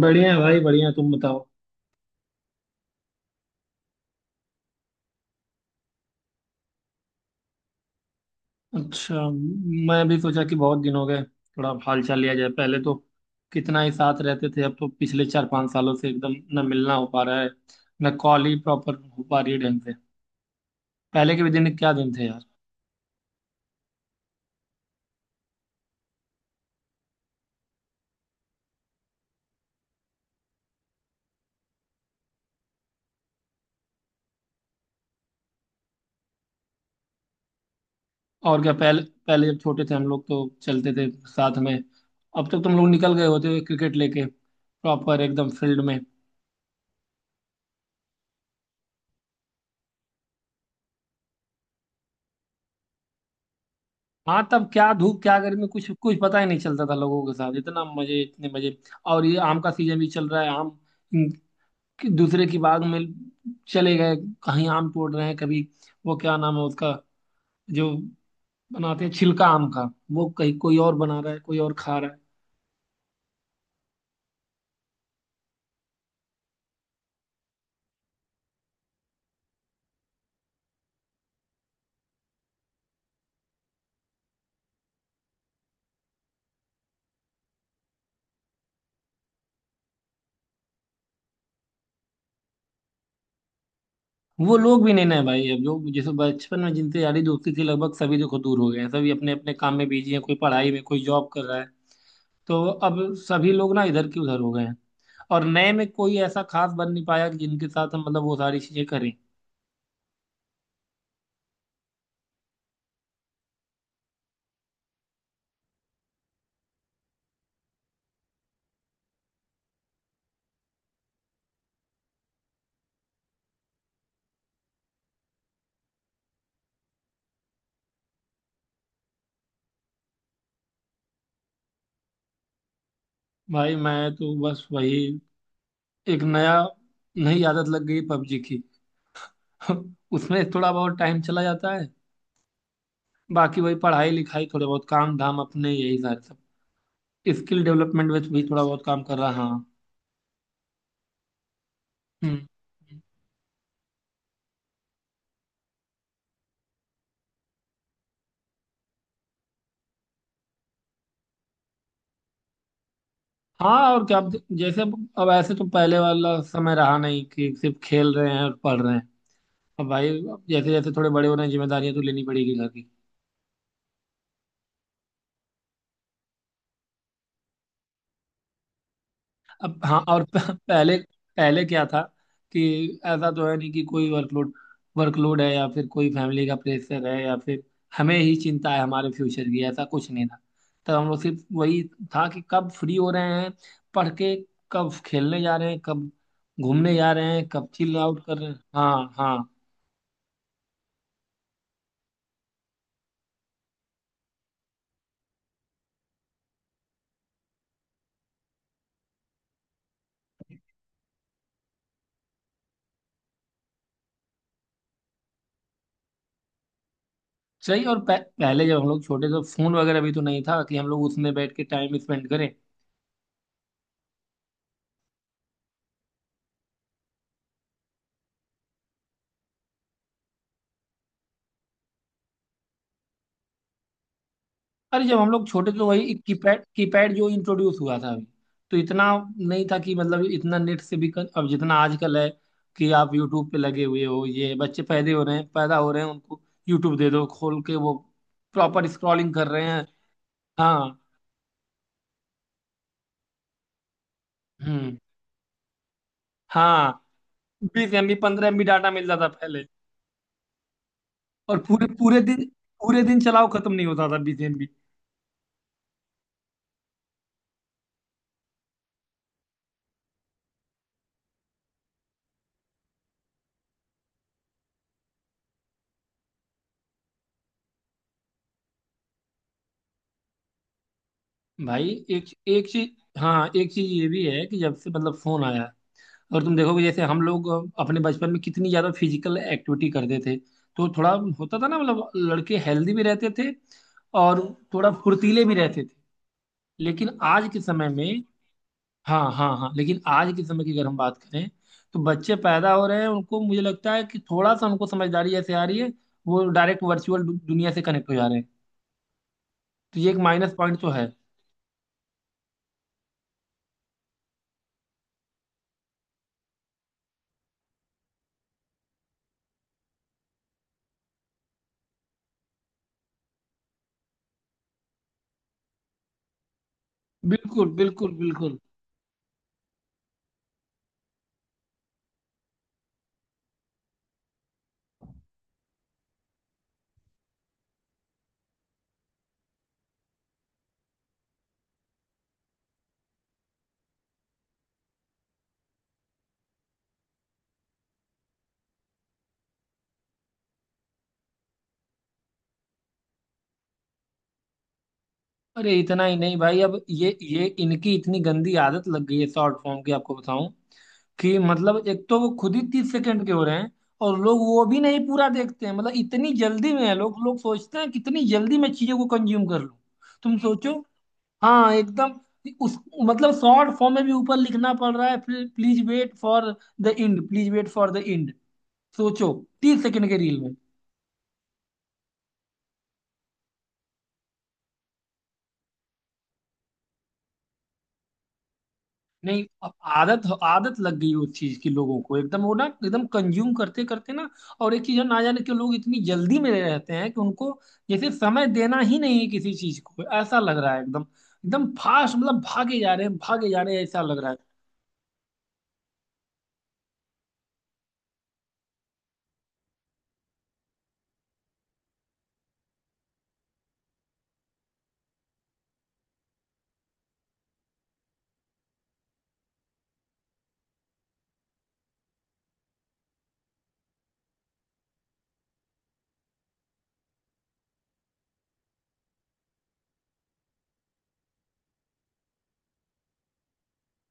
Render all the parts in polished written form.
बढ़िया है भाई, बढ़िया। तुम बताओ। अच्छा। मैं भी सोचा कि बहुत दिन हो गए, थोड़ा हाल चाल लिया जाए। पहले तो कितना ही साथ रहते थे, अब तो पिछले 4-5 सालों से एकदम न मिलना हो पा रहा है, न कॉल ही प्रॉपर हो पा रही है ढंग से। पहले के भी दिन क्या दिन थे यार। और क्या, पहले पहले जब छोटे थे हम लोग तो चलते थे साथ में। अब तक तुम लोग निकल गए होते क्रिकेट लेके प्रॉपर एकदम फील्ड में। हाँ, तब क्या धूप क्या गर्मी, कुछ कुछ पता ही नहीं चलता था, लोगों के साथ इतना मजे, इतने मजे। और ये आम का सीजन भी चल रहा है। आम कि दूसरे की बाग में चले गए, कहीं आम तोड़ रहे हैं, कभी वो क्या नाम है उसका जो बनाते हैं छिलका आम का, वो कहीं कोई और बना रहा है, कोई और खा रहा है। वो लोग भी नहीं ना भाई, अब जो जैसे बचपन में जिनसे यारी दोस्ती थी लगभग सभी, देखो दूर हो गए हैं। सभी अपने अपने काम में बिजी हैं, कोई पढ़ाई में कोई जॉब कर रहा है। तो अब सभी लोग ना इधर की उधर हो गए हैं। और नए में कोई ऐसा खास बन नहीं पाया कि जिनके साथ हम मतलब वो सारी चीजें करें। भाई मैं तो बस वही, एक नया नई आदत लग गई पबजी की। उसमें थोड़ा बहुत टाइम चला जाता है। बाकी वही पढ़ाई लिखाई, थोड़े बहुत काम धाम अपने, यही सारे सब। स्किल डेवलपमेंट में भी थोड़ा बहुत काम कर रहा हाँ। हम्म। हाँ और क्या अब, जैसे अब ऐसे तो पहले वाला समय रहा नहीं कि सिर्फ खेल रहे हैं और पढ़ रहे हैं। अब भाई, अब जैसे जैसे थोड़े बड़े हो रहे हैं, जिम्मेदारियां तो लेनी पड़ेगी घर की। अब, हाँ। और पहले, पहले क्या था कि ऐसा तो है नहीं कि कोई वर्कलोड वर्कलोड है या फिर कोई फैमिली का प्रेशर है, या फिर हमें ही चिंता है हमारे फ्यूचर की, ऐसा कुछ नहीं था। तब हम लोग सिर्फ, वही था कि कब फ्री हो रहे हैं पढ़ के, कब खेलने जा रहे हैं, कब घूमने जा रहे हैं, कब चिल आउट कर रहे हैं। हाँ, हाँ। सही, और पहले जब हम लोग छोटे थे फोन वगैरह भी तो नहीं था कि हम लोग उसमें बैठ के टाइम स्पेंड करें। अरे जब हम लोग छोटे थे तो वही कीपैड, जो इंट्रोड्यूस हुआ था अभी। तो इतना नहीं था कि मतलब इतना नेट से भी अब जितना आजकल है, कि आप यूट्यूब पे लगे हुए हो, ये बच्चे पैदे हो रहे हैं पैदा हो रहे हैं, उनको यूट्यूब दे दो खोल के, वो प्रॉपर स्क्रॉलिंग कर रहे हैं। हाँ। हम्म। हाँ, 20 MB 15 MB डाटा मिल जाता पहले। और पूरे पूरे दिन, पूरे दिन चलाओ खत्म नहीं होता था 20 MB। भाई एक एक चीज। हाँ, एक चीज ये भी है कि जब से मतलब फोन आया है, और तुम देखोगे जैसे हम लोग अपने बचपन में कितनी ज्यादा फिजिकल एक्टिविटी करते थे, तो थोड़ा होता था ना, मतलब लड़के हेल्दी भी रहते थे और थोड़ा फुर्तीले भी रहते थे। लेकिन आज के समय में। हाँ, हाँ, हाँ। लेकिन आज के समय की अगर हम बात करें तो बच्चे पैदा हो रहे हैं, उनको मुझे लगता है कि थोड़ा सा उनको समझदारी जैसे आ रही है, वो डायरेक्ट वर्चुअल दुनिया से कनेक्ट हो जा रहे हैं। तो ये एक माइनस पॉइंट तो है। बिल्कुल, बिल्कुल, बिल्कुल। अरे इतना ही नहीं भाई, अब ये इनकी इतनी गंदी आदत लग गई है शॉर्ट फॉर्म की, आपको बताऊं। कि मतलब एक तो वो खुद ही 30 सेकंड के हो रहे हैं, और लोग वो भी नहीं पूरा देखते हैं। मतलब इतनी जल्दी में है लोग, सोचते हैं कितनी जल्दी मैं चीजों को कंज्यूम कर लूं। तुम सोचो। हाँ, एकदम। उस मतलब शॉर्ट फॉर्म में भी ऊपर लिखना पड़ रहा है, please wait for the end, please wait for the end. सोचो, 30 सेकंड के रील में। नहीं, अब आदत आदत लग गई उस चीज की लोगों को एकदम, वो ना एकदम कंज्यूम करते करते ना। और एक चीज है, ना जाने क्यों लोग इतनी जल्दी में रहते हैं कि उनको जैसे समय देना ही नहीं है किसी चीज को, ऐसा लग रहा है। एकदम, एकदम फास्ट, मतलब भागे जा रहे हैं, भागे जा रहे हैं ऐसा लग रहा है।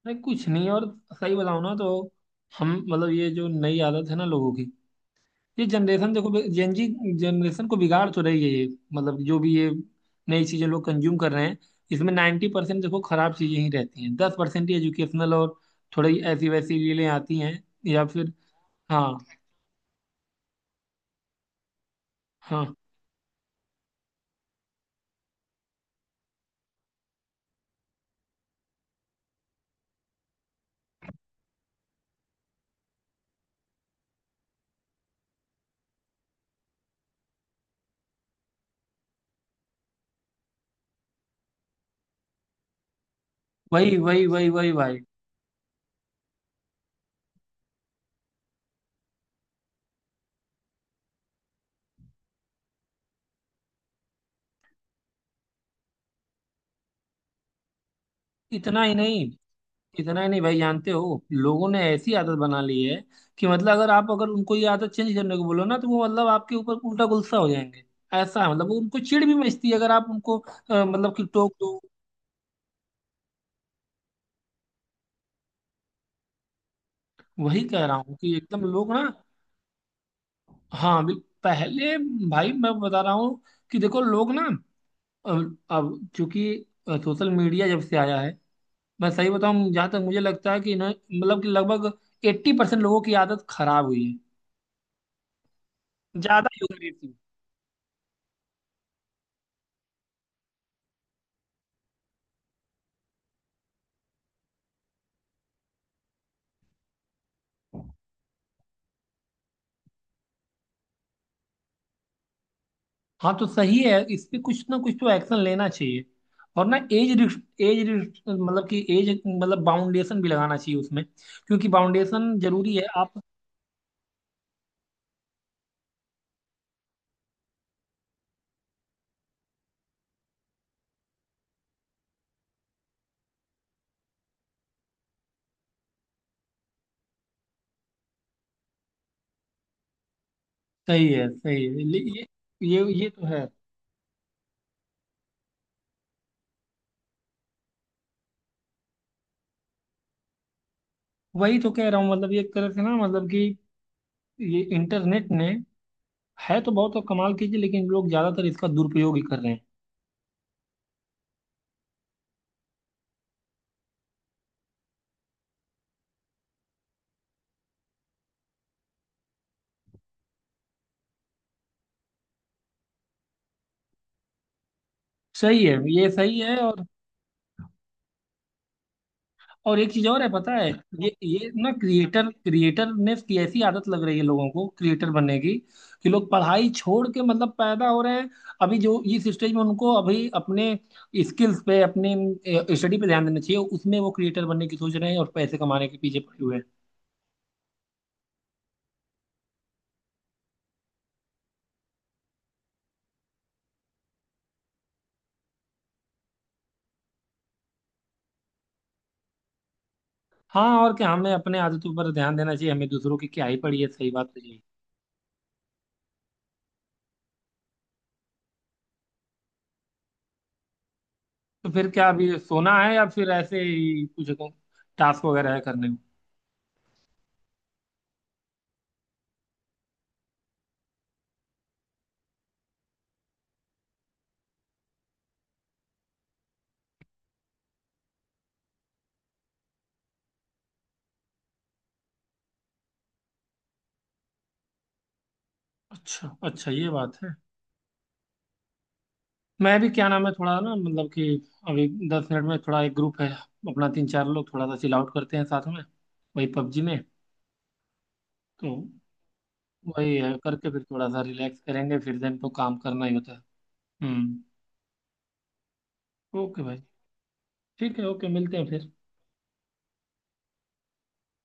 नहीं कुछ नहीं। और सही बताऊं ना तो, हम मतलब ये जो नई आदत है ना लोगों की, ये जनरेशन देखो जेनजी जनरेशन को बिगाड़ तो रही है ये। मतलब जो भी ये नई चीजें लोग कंज्यूम कर रहे हैं, इसमें 90% देखो खराब चीजें ही रहती हैं, 10% ही एजुकेशनल और थोड़ी ऐसी वैसी रीलें आती हैं, या फिर। हाँ। हाँ। वही, वही, वही, वही भाई। इतना ही नहीं, इतना ही नहीं भाई, जानते हो लोगों ने ऐसी आदत बना ली है कि मतलब, अगर आप, अगर उनको ये आदत चेंज करने को बोलो ना, तो वो मतलब आपके ऊपर उल्टा गुस्सा हो जाएंगे। ऐसा है, मतलब वो, उनको चिढ़ भी मचती है अगर आप उनको मतलब कि टोक दो। वही कह रहा हूँ कि एकदम लोग ना। हाँ, पहले। भाई मैं बता रहा हूँ कि देखो लोग ना, अब चूंकि सोशल मीडिया जब से आया है, मैं सही बताऊँ जहाँ तक मुझे लगता है कि इन्हें मतलब कि लगभग 80% लोगों की आदत खराब हुई है, ज्यादा यूज रहती। हाँ, तो सही है, इस पे कुछ ना कुछ तो एक्शन लेना चाहिए। और ना, एज एज मतलब कि एज, मतलब बाउंडेशन भी लगाना चाहिए उसमें। क्योंकि बाउंडेशन जरूरी है, आप। सही है, सही है। ये ये ये तो है। वही तो कह रहा हूँ, मतलब ये एक तरह से ना, मतलब कि ये इंटरनेट ने, है तो बहुत तो कमाल की चीज, लेकिन लोग ज्यादातर इसका दुरुपयोग ही कर रहे हैं। सही है ये, सही है। और एक चीज और है, पता है, ये ना क्रिएटर क्रिएटर ने की ऐसी आदत लग रही है लोगों को, क्रिएटर बनने की, कि लोग पढ़ाई छोड़ के, मतलब पैदा हो रहे हैं अभी जो इस स्टेज में, उनको अभी अपने स्किल्स पे, अपने स्टडी पे ध्यान देना चाहिए, उसमें वो क्रिएटर बनने की सोच रहे हैं और पैसे कमाने के पीछे पड़े हुए हैं। हाँ और क्या, हमें अपने आदतों पर ध्यान देना चाहिए, हमें दूसरों की क्या ही पड़ी है, सही बात तो यही। तो फिर क्या, अभी सोना है या फिर ऐसे ही कुछ तो टास्क वगैरह है करने को। अच्छा, अच्छा, ये बात है। मैं भी, क्या नाम है, थोड़ा ना मतलब कि अभी 10 मिनट में, थोड़ा एक ग्रुप है अपना, 3-4 लोग, थोड़ा सा चिल आउट करते हैं साथ में, वही पबजी में। तो वही है, करके फिर थोड़ा सा रिलैक्स करेंगे, फिर दिन तो काम करना ही होता है। हम्म। ओके भाई। ठीक है। ओके, मिलते हैं फिर।